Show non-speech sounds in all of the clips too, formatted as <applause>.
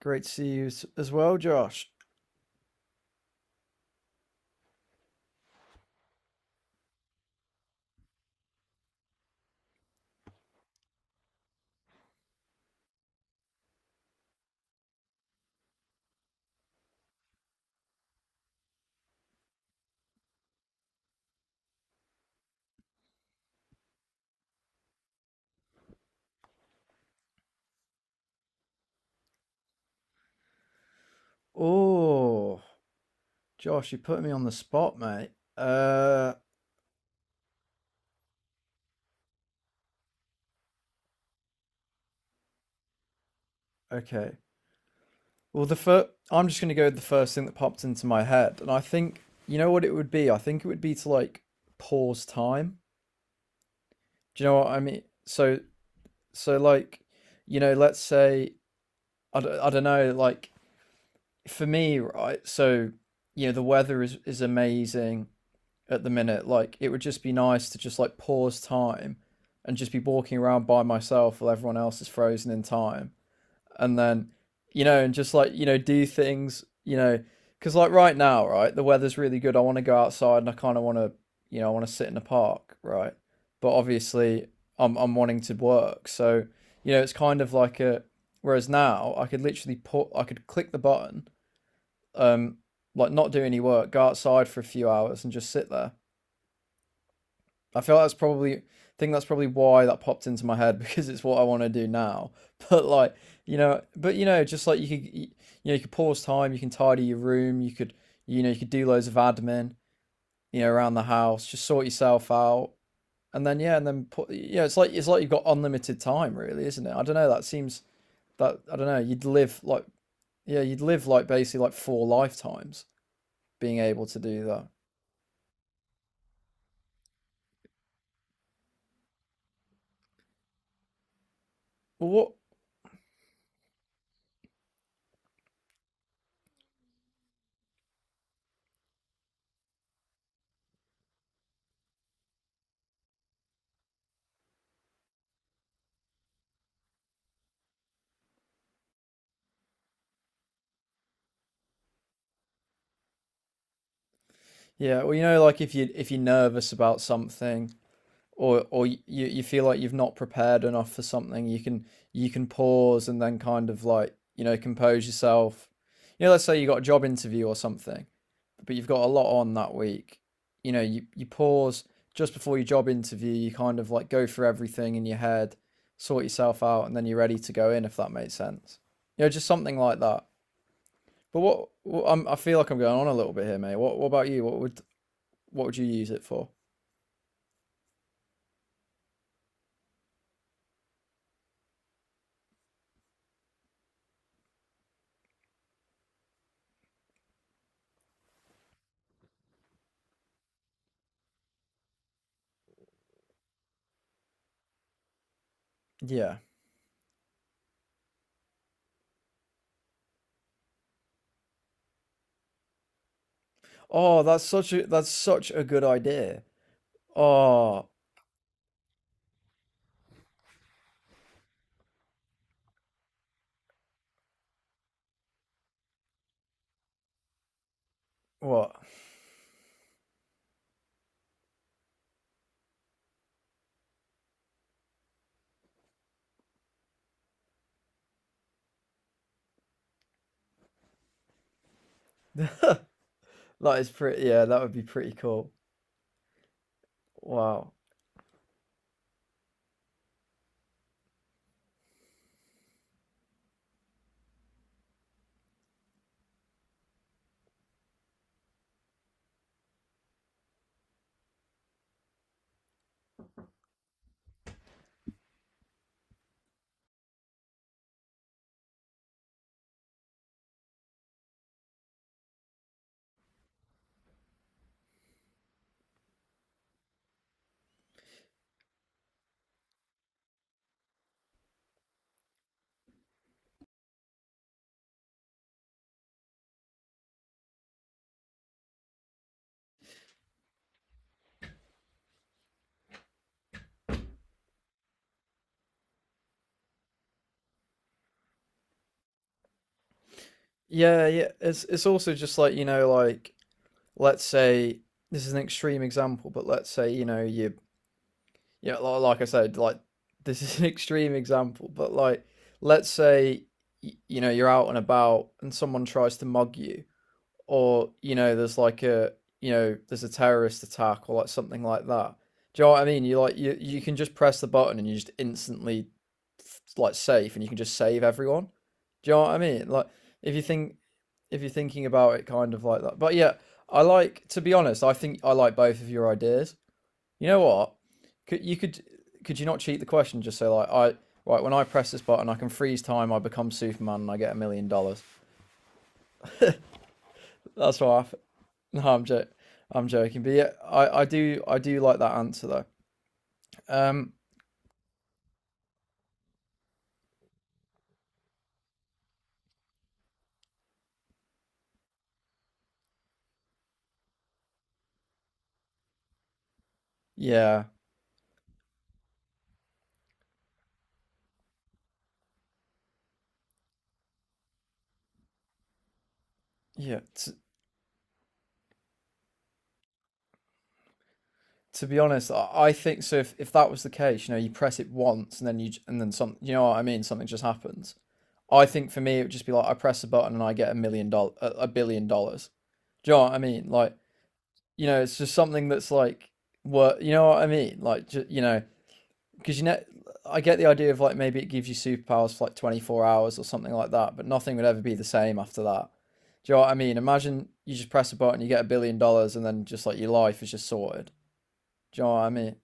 Great to see you as well, Josh. Oh, Josh, you put me on the spot, mate. Okay. Well, the first, I'm just gonna go with the first thing that popped into my head, and I think you know what it would be. I think it would be to like pause time. Do you know what I mean? So like, you know, let's say I don't know. Like for me, right? So you know, the weather is amazing at the minute. Like it would just be nice to just like pause time and just be walking around by myself while everyone else is frozen in time. And then, you know, and just like, you know, do things, you know, because like right now, right, the weather's really good. I want to go outside and I kind of want to, you know, I want to sit in the park, right? But obviously, I'm wanting to work. So, you know, it's kind of like a whereas now I could click the button, um, like not do any work, go outside for a few hours and just sit there. I feel like that's probably I think that's probably why that popped into my head <laughs> because it's what I want to do now. <laughs> But like you know, but you know, just like you know you could pause time, you can tidy your room, you know you could do loads of admin you know around the house, just sort yourself out, and then yeah, and then put you know it's like you've got unlimited time really, isn't it? I don't know. That seems that I don't know. You'd live like yeah, you'd live like basically like four lifetimes being able to do that. Well, what? Yeah, well, you know, like if you're nervous about something, or you feel like you've not prepared enough for something, you can pause and then kind of like, you know, compose yourself. You know, let's say you got a job interview or something, but you've got a lot on that week. You know, you pause just before your job interview, you kind of like go through everything in your head, sort yourself out, and then you're ready to go in if that makes sense. You know, just something like that. But I feel like I'm going on a little bit here, mate. What about you? What would you use it for? Yeah. Oh, that's such a good idea. Oh, what? That is pretty, yeah, that would be pretty cool. Wow. Yeah, yeah. It's also just like, you know, like let's say this is an extreme example, but let's say, you know, you yeah, like I said, like this <laughs> is an extreme example, but like let's say you know, you're out and about and someone tries to mug you or you know there's like a you know there's a terrorist attack or like something like that. Do you know what I mean? You can just press the button and you just instantly like safe and you can just save everyone. Do you know what I mean? Like if you think if you're thinking about it kind of like that, but yeah, I like to be honest, I think I like both of your ideas. You know what, could you could could you not cheat the question, just say like, I, right when I press this button, I can freeze time, I become Superman, and I get $1 million. That's what I, <laughs> no, I'm joking, but yeah, I do like that answer though. Um, yeah, yeah. T- to be honest, I think so. If that was the case, you know, you press it once and then you and then some, you know what I mean? Something just happens. I think for me, it would just be like I press a button and I get $1 million, $1 billion. Do you know what I mean? Like, you know, it's just something that's like, what, you know what I mean? Like, you know, because you know I get the idea of like maybe it gives you superpowers for like 24 hours or something like that, but nothing would ever be the same after that. Do you know what I mean? Imagine you just press a button, you get $1 billion, and then just like your life is just sorted. Do you know what I mean?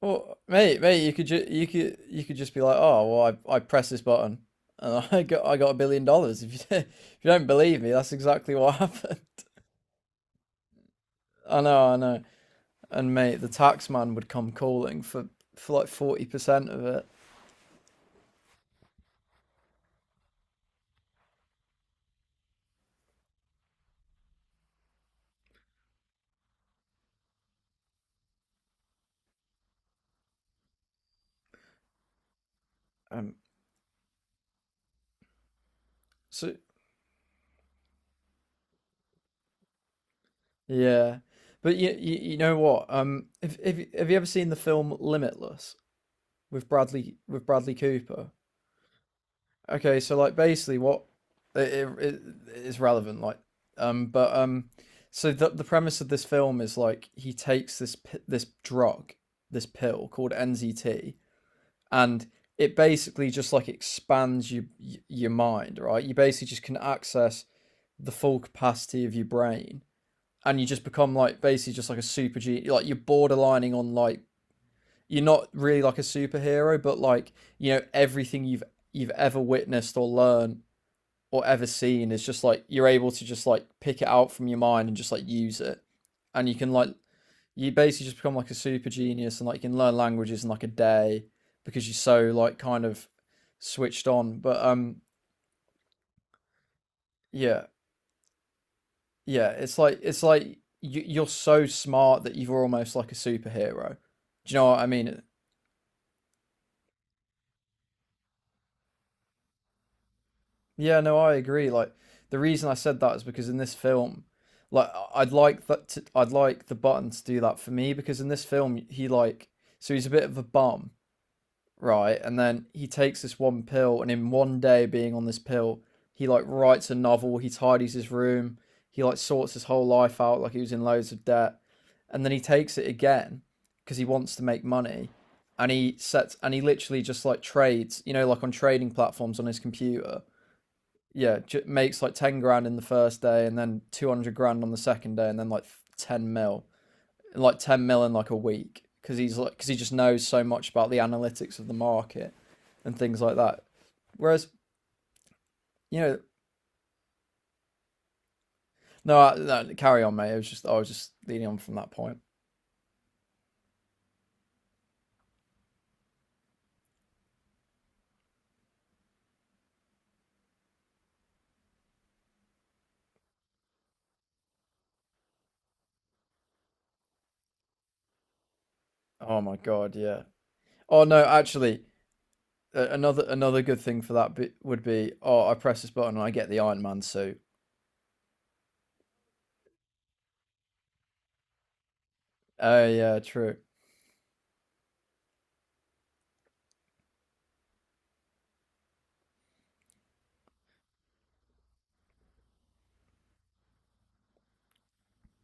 Well, mate, mate, you could you could just be like, oh, well, I press this button and <laughs> I got $1 billion. If you <laughs> if you don't believe me, that's exactly what happened. <laughs> I know, I know. And mate, the tax man would come calling for like 40% of it. Um, so Yeah, but you know what? If have you ever seen the film Limitless with Bradley Cooper? Okay, so like basically what it, it, it's relevant like but so the premise of this film is like he takes this this drug, this pill called NZT, and it basically just like expands your mind, right? You basically just can access the full capacity of your brain and you just become like basically just like a super G. Like you're borderlining on like you're not really like a superhero, but like you know everything you've ever witnessed or learned or ever seen is just like you're able to just like pick it out from your mind and just like use it, and you can like you basically just become like a super genius, and like you can learn languages in like a day because you're so like kind of switched on. But yeah, yeah, it's like you, you're so smart that you're almost like a superhero. Do you know what I mean? Yeah, no, I agree. Like the reason I said that is because in this film, like I'd like the button to do that for me because in this film he like so he's a bit of a bum, right? And then he takes this one pill, and in one day being on this pill, he like writes a novel, he tidies his room, he like sorts his whole life out, like he was in loads of debt, and then he takes it again because he wants to make money, and he sets and he literally just like trades, you know, like on trading platforms on his computer. Yeah, makes like 10 grand in the first day, and then 200 grand on the second day, and then like ten mil like 10 mil in like a week because he's like because he just knows so much about the analytics of the market and things like that, whereas you know no, no, carry on mate, it was just I was just leading on from that point. Oh my god, yeah. Oh no, actually, another good thing for that bit would be, oh, I press this button and I get the Iron Man suit. Oh yeah, true.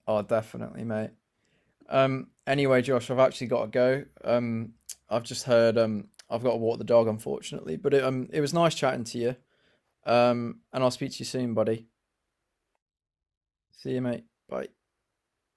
Oh definitely, mate. Anyway, Josh, I've actually got to go. I've just heard, I've got to walk the dog, unfortunately, but it, it was nice chatting to you. And I'll speak to you soon, buddy. See you, mate. Bye.